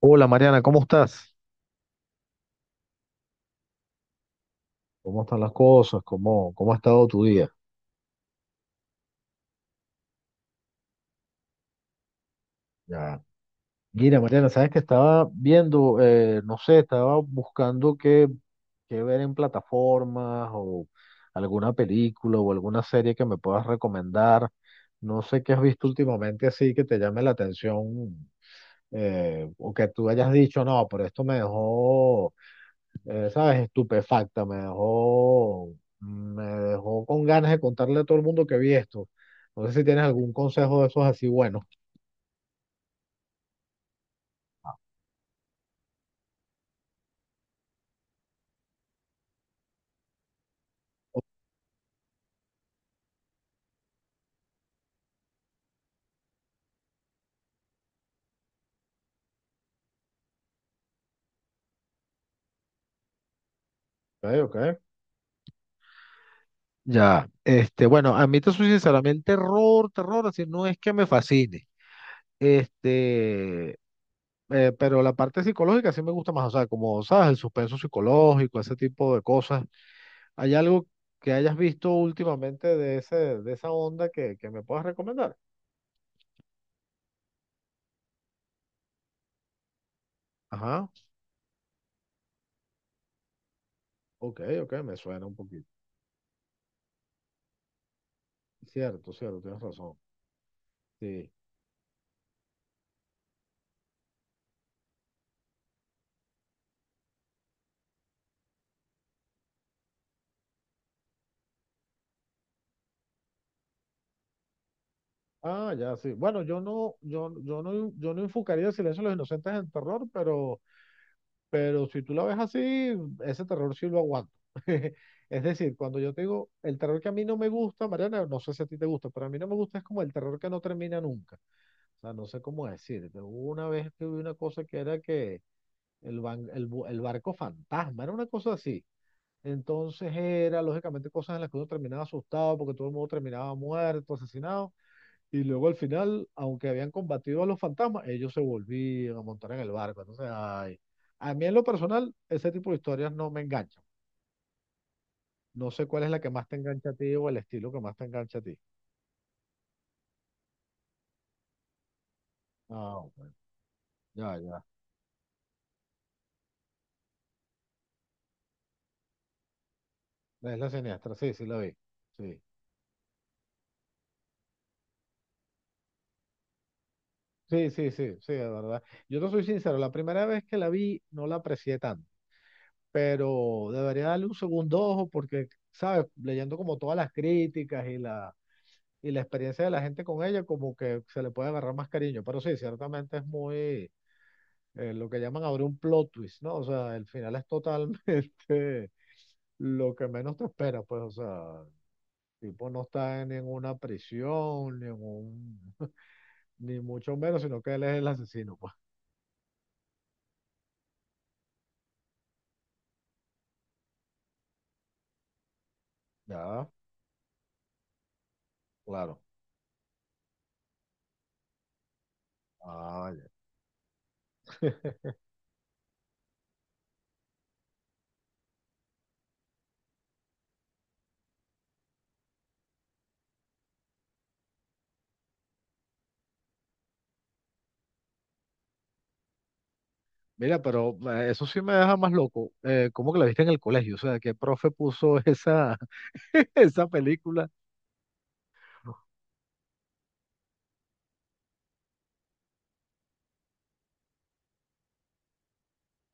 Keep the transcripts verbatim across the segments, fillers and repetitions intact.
Hola Mariana, ¿cómo estás? ¿Cómo están las cosas? ¿Cómo, cómo ha estado tu día? Ya. Mira, Mariana, sabes que estaba viendo, eh, no sé, estaba buscando qué, qué ver en plataformas o alguna película o alguna serie que me puedas recomendar. No sé qué has visto últimamente así que te llame la atención, eh, o que tú hayas dicho, no, pero esto me dejó, eh, ¿sabes? Estupefacta, me dejó, me dejó con ganas de contarle a todo el mundo que vi esto. No sé si tienes algún consejo de esos así bueno. Ok, ok. Ya, este, bueno, a mí te soy sincero, a mí el terror, terror, así no es que me fascine, este, eh, pero la parte psicológica sí me gusta más, o sea, como sabes, el suspenso psicológico, ese tipo de cosas. ¿Hay algo que hayas visto últimamente de ese, de esa onda que, que me puedas recomendar? Ajá, ok, ok, me suena un poquito. Cierto, cierto, tienes razón. Sí. Ah, ya, sí. Bueno, yo no, yo, yo no, yo no enfocaría el silencio de los inocentes en terror, pero, pero si tú la ves así, ese terror sí lo aguanto. Es decir, cuando yo te digo, el terror que a mí no me gusta, Mariana, no sé si a ti te gusta, pero a mí no me gusta es como el terror que no termina nunca. O sea, no sé cómo decirte. Hubo una vez que vi una cosa que era que el, ban- el, bu- el barco fantasma, era una cosa así. Entonces era, lógicamente, cosas en las que uno terminaba asustado porque todo el mundo terminaba muerto, asesinado. Y luego al final, aunque habían combatido a los fantasmas, ellos se volvían a montar en el barco. Entonces, ay, a mí en lo personal, ese tipo de historias no me enganchan. No sé cuál es la que más te engancha a ti o el estilo que más te engancha a ti. Ah, ok. Ya, ya. Es la siniestra, sí, sí la vi. Sí. Sí, sí, sí, sí, de verdad. Yo te soy sincero, la primera vez que la vi no la aprecié tanto, pero debería darle un segundo ojo porque, ¿sabes? Leyendo como todas las críticas y la, y la experiencia de la gente con ella como que se le puede agarrar más cariño. Pero sí, ciertamente es muy, eh, lo que llaman abrir un plot twist, ¿no? O sea, el final es totalmente lo que menos te espera, pues, o sea, el tipo no está ni en una prisión, ni en un, ni mucho menos, sino que él es el asesino, pues. Ya, claro. Ah, ya. Mira, pero eh, eso sí me deja más loco. Eh, ¿cómo que la viste en el colegio? O sea, ¿qué profe puso esa, esa película?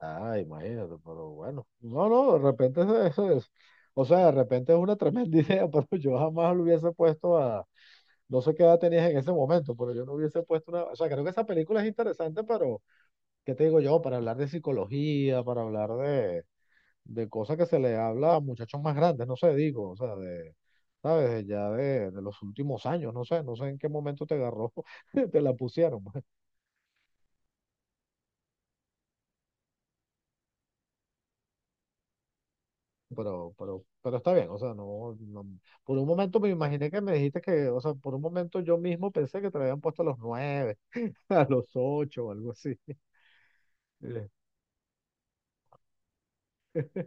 Ah, imagínate, pero bueno. No, no, de repente eso, eso, es. O sea, de repente es una tremenda idea, pero yo jamás lo hubiese puesto a. No sé qué edad tenías en ese momento, pero yo no hubiese puesto una. O sea, creo que esa película es interesante, pero ¿qué te digo yo? Para hablar de psicología, para hablar de, de cosas que se le habla a muchachos más grandes, no sé, digo, o sea, de. ¿Sabes? De ya de, de los últimos años, no sé, no sé en qué momento te agarró, te la pusieron. pero, pero, pero está bien, o sea, no, no- por un momento me imaginé que me dijiste que, o sea, por un momento yo mismo pensé que te lo habían puesto a los nueve, a los ocho o algo así. Eh,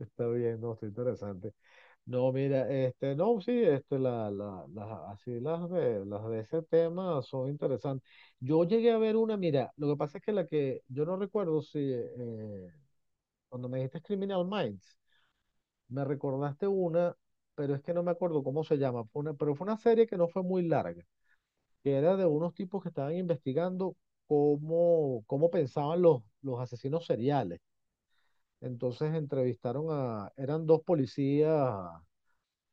Está bien, no, está interesante. No, mira, este, no, sí, este, la, la, las- así las de, las de ese tema son interesantes. Yo llegué a ver una, mira, lo que pasa es que la que, yo no recuerdo si, eh, cuando me dijiste es Criminal Minds, me recordaste una, pero es que no me acuerdo cómo se llama. Fue una, pero fue una serie que no fue muy larga, que era de unos tipos que estaban investigando cómo, cómo pensaban los, los asesinos seriales. Entonces entrevistaron a, eran dos policías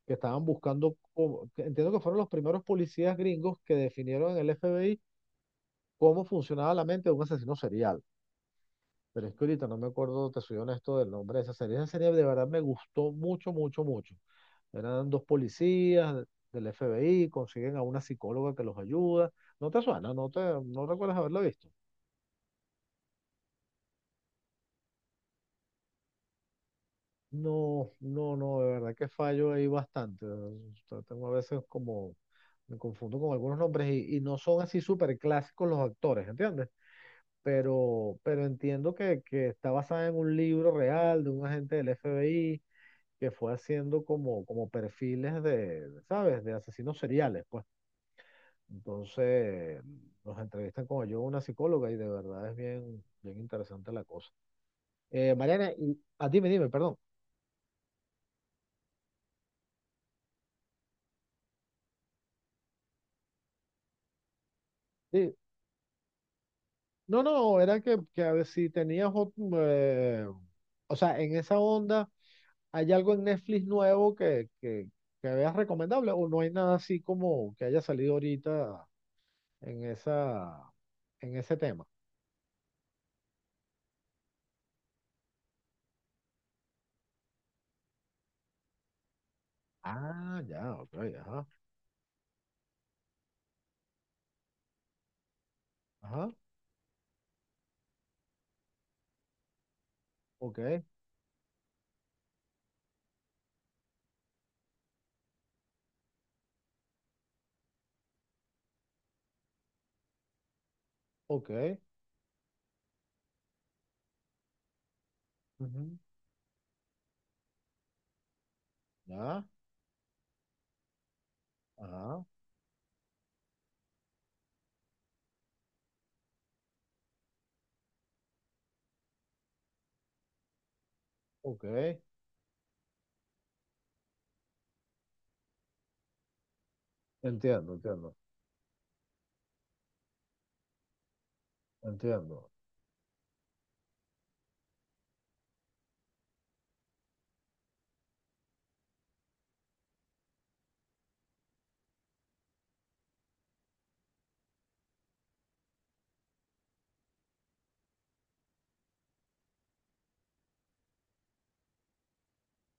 que estaban buscando, cómo- que entiendo que fueron los primeros policías gringos que definieron en el F B I cómo funcionaba la mente de un asesino serial. Pero es que ahorita no me acuerdo, te soy honesto, del nombre de esa serie. Esa serie de verdad me gustó mucho, mucho, mucho. Eran dos policías de- del F B I, consiguen a una psicóloga que los ayuda. ¿No te suena? ¿No te, no recuerdas haberlo visto? No, no, no, de verdad que fallo ahí bastante. O sea, tengo a veces como, me confundo con algunos nombres y, y no son así súper clásicos los actores, ¿entiendes? Pero, pero entiendo que, que está basada en un libro real de un agente del F B I que fue haciendo como, como, perfiles de, ¿sabes? De asesinos seriales, pues. Entonces, nos entrevistan con yo, una psicóloga, y de verdad es bien, bien interesante la cosa. Eh, Mariana, y, ah, dime, dime, perdón. Sí, no, no, era que, que a ver si tenías, ot- eh, o sea, en esa onda, ¿hay algo en Netflix nuevo que, que, que veas recomendable o no hay nada así como que haya salido ahorita en esa, en ese tema? Ah, ya, ok, ajá, ajá, ok, ok, ujú, ya, ajá, ok. Entiendo, entiendo, entiendo.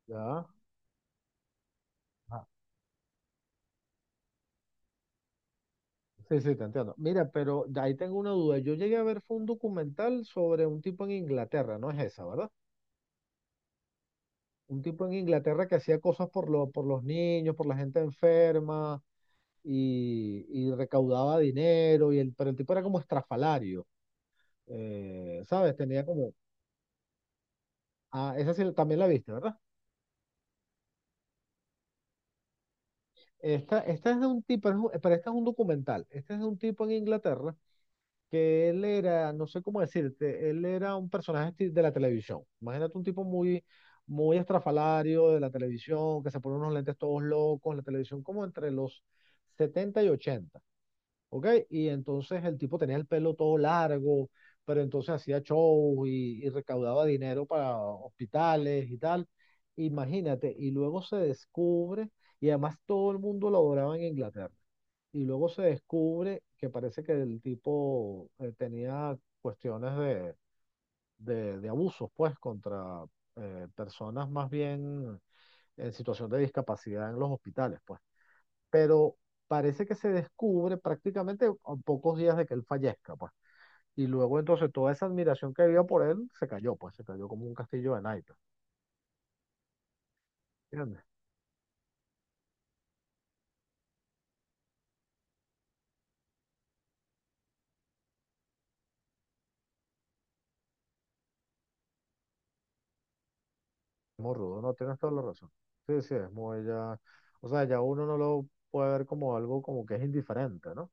Ya. Ah, sí, sí, te entiendo. Mira, pero de ahí tengo una duda. Yo llegué a ver, fue un documental sobre un tipo en Inglaterra, no es esa, ¿verdad? Un tipo en Inglaterra que hacía cosas por, lo, por los niños, por la gente enferma y, y recaudaba dinero, y el, pero el tipo era como estrafalario, eh, ¿sabes? Tenía como... Ah, esa sí, también la viste, ¿verdad? Esta, esta es de un tipo, es un- pero esta es un documental. Este es de un tipo en Inglaterra que él era, no sé cómo decirte, él era un personaje ti- de la televisión. Imagínate un tipo muy, muy estrafalario de la televisión, que se pone unos lentes todos locos en la televisión, como entre los setenta y ochenta, ¿ok? Y entonces el tipo tenía el pelo todo largo, pero entonces hacía shows y, y recaudaba dinero para hospitales y tal. Imagínate, y luego se descubre, y además todo el mundo lo adoraba en Inglaterra y luego se descubre que parece que el tipo, eh, tenía cuestiones de, de, de, abusos, pues, contra, eh, personas más bien en situación de discapacidad en los hospitales, pues. Pero parece que se descubre prácticamente a pocos días de que él fallezca, pues. Y luego entonces toda esa admiración que había por él se cayó, pues, se cayó como un castillo de naipes. ¿Entiendes? Muy rudo, no, tienes toda la razón. Sí, sí, es muy ya, o sea, ya uno no lo puede ver como algo como que es indiferente, ¿no?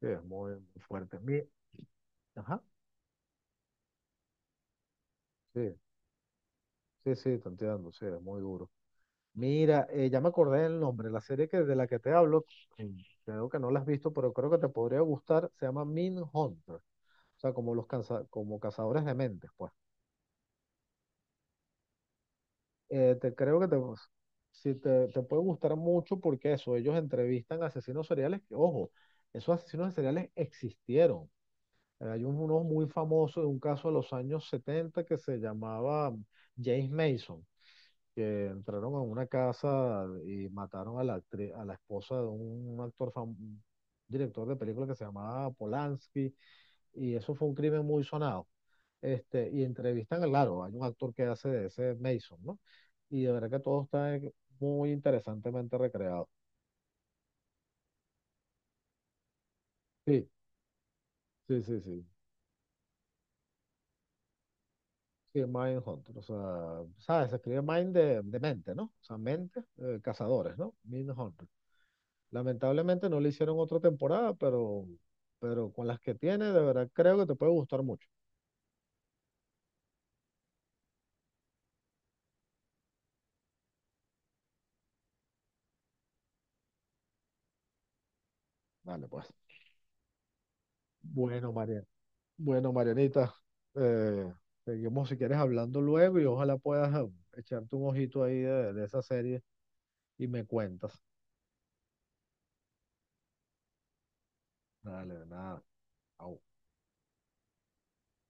Sí, es muy, muy fuerte. Mi- Ajá, sí, sí, sí, te entiendo, sí, es muy duro. Mira, eh, ya me acordé del nombre, la serie que, de la que te hablo, mm, creo que no la has visto, pero creo que te podría gustar, se llama Min Hunter, o sea, como los cansa- como cazadores de mentes, pues. Eh, te, creo que te, si te, te puede gustar mucho porque eso, ellos entrevistan asesinos seriales, que, ojo, esos asesinos seriales existieron. Eh, Hay un- uno muy famoso de un caso de los años setenta que se llamaba James Mason que entraron a una casa y mataron a la actri- a la esposa de un actor fam- un director de película que se llamaba Polanski, y eso fue un crimen muy sonado. Este, y entrevistan, claro, hay un actor que hace de ese Mason, ¿no? Y de verdad que todo está, eh, muy interesantemente recreado. Sí, sí, sí, sí. Sí, Mindhunter, o sea, ¿sabes? Se escribe Mind de, de, mente, ¿no? O sea, mente, eh, cazadores, ¿no? Mindhunter. Lamentablemente no le hicieron otra temporada, pero, pero con las que tiene, de verdad creo que te puede gustar mucho. Vale, pues. Bueno, Marian. Bueno, Marianita, eh, seguimos si quieres hablando luego y ojalá puedas, eh, echarte un ojito ahí de, de, esa serie y me cuentas. Dale, de nada. Au.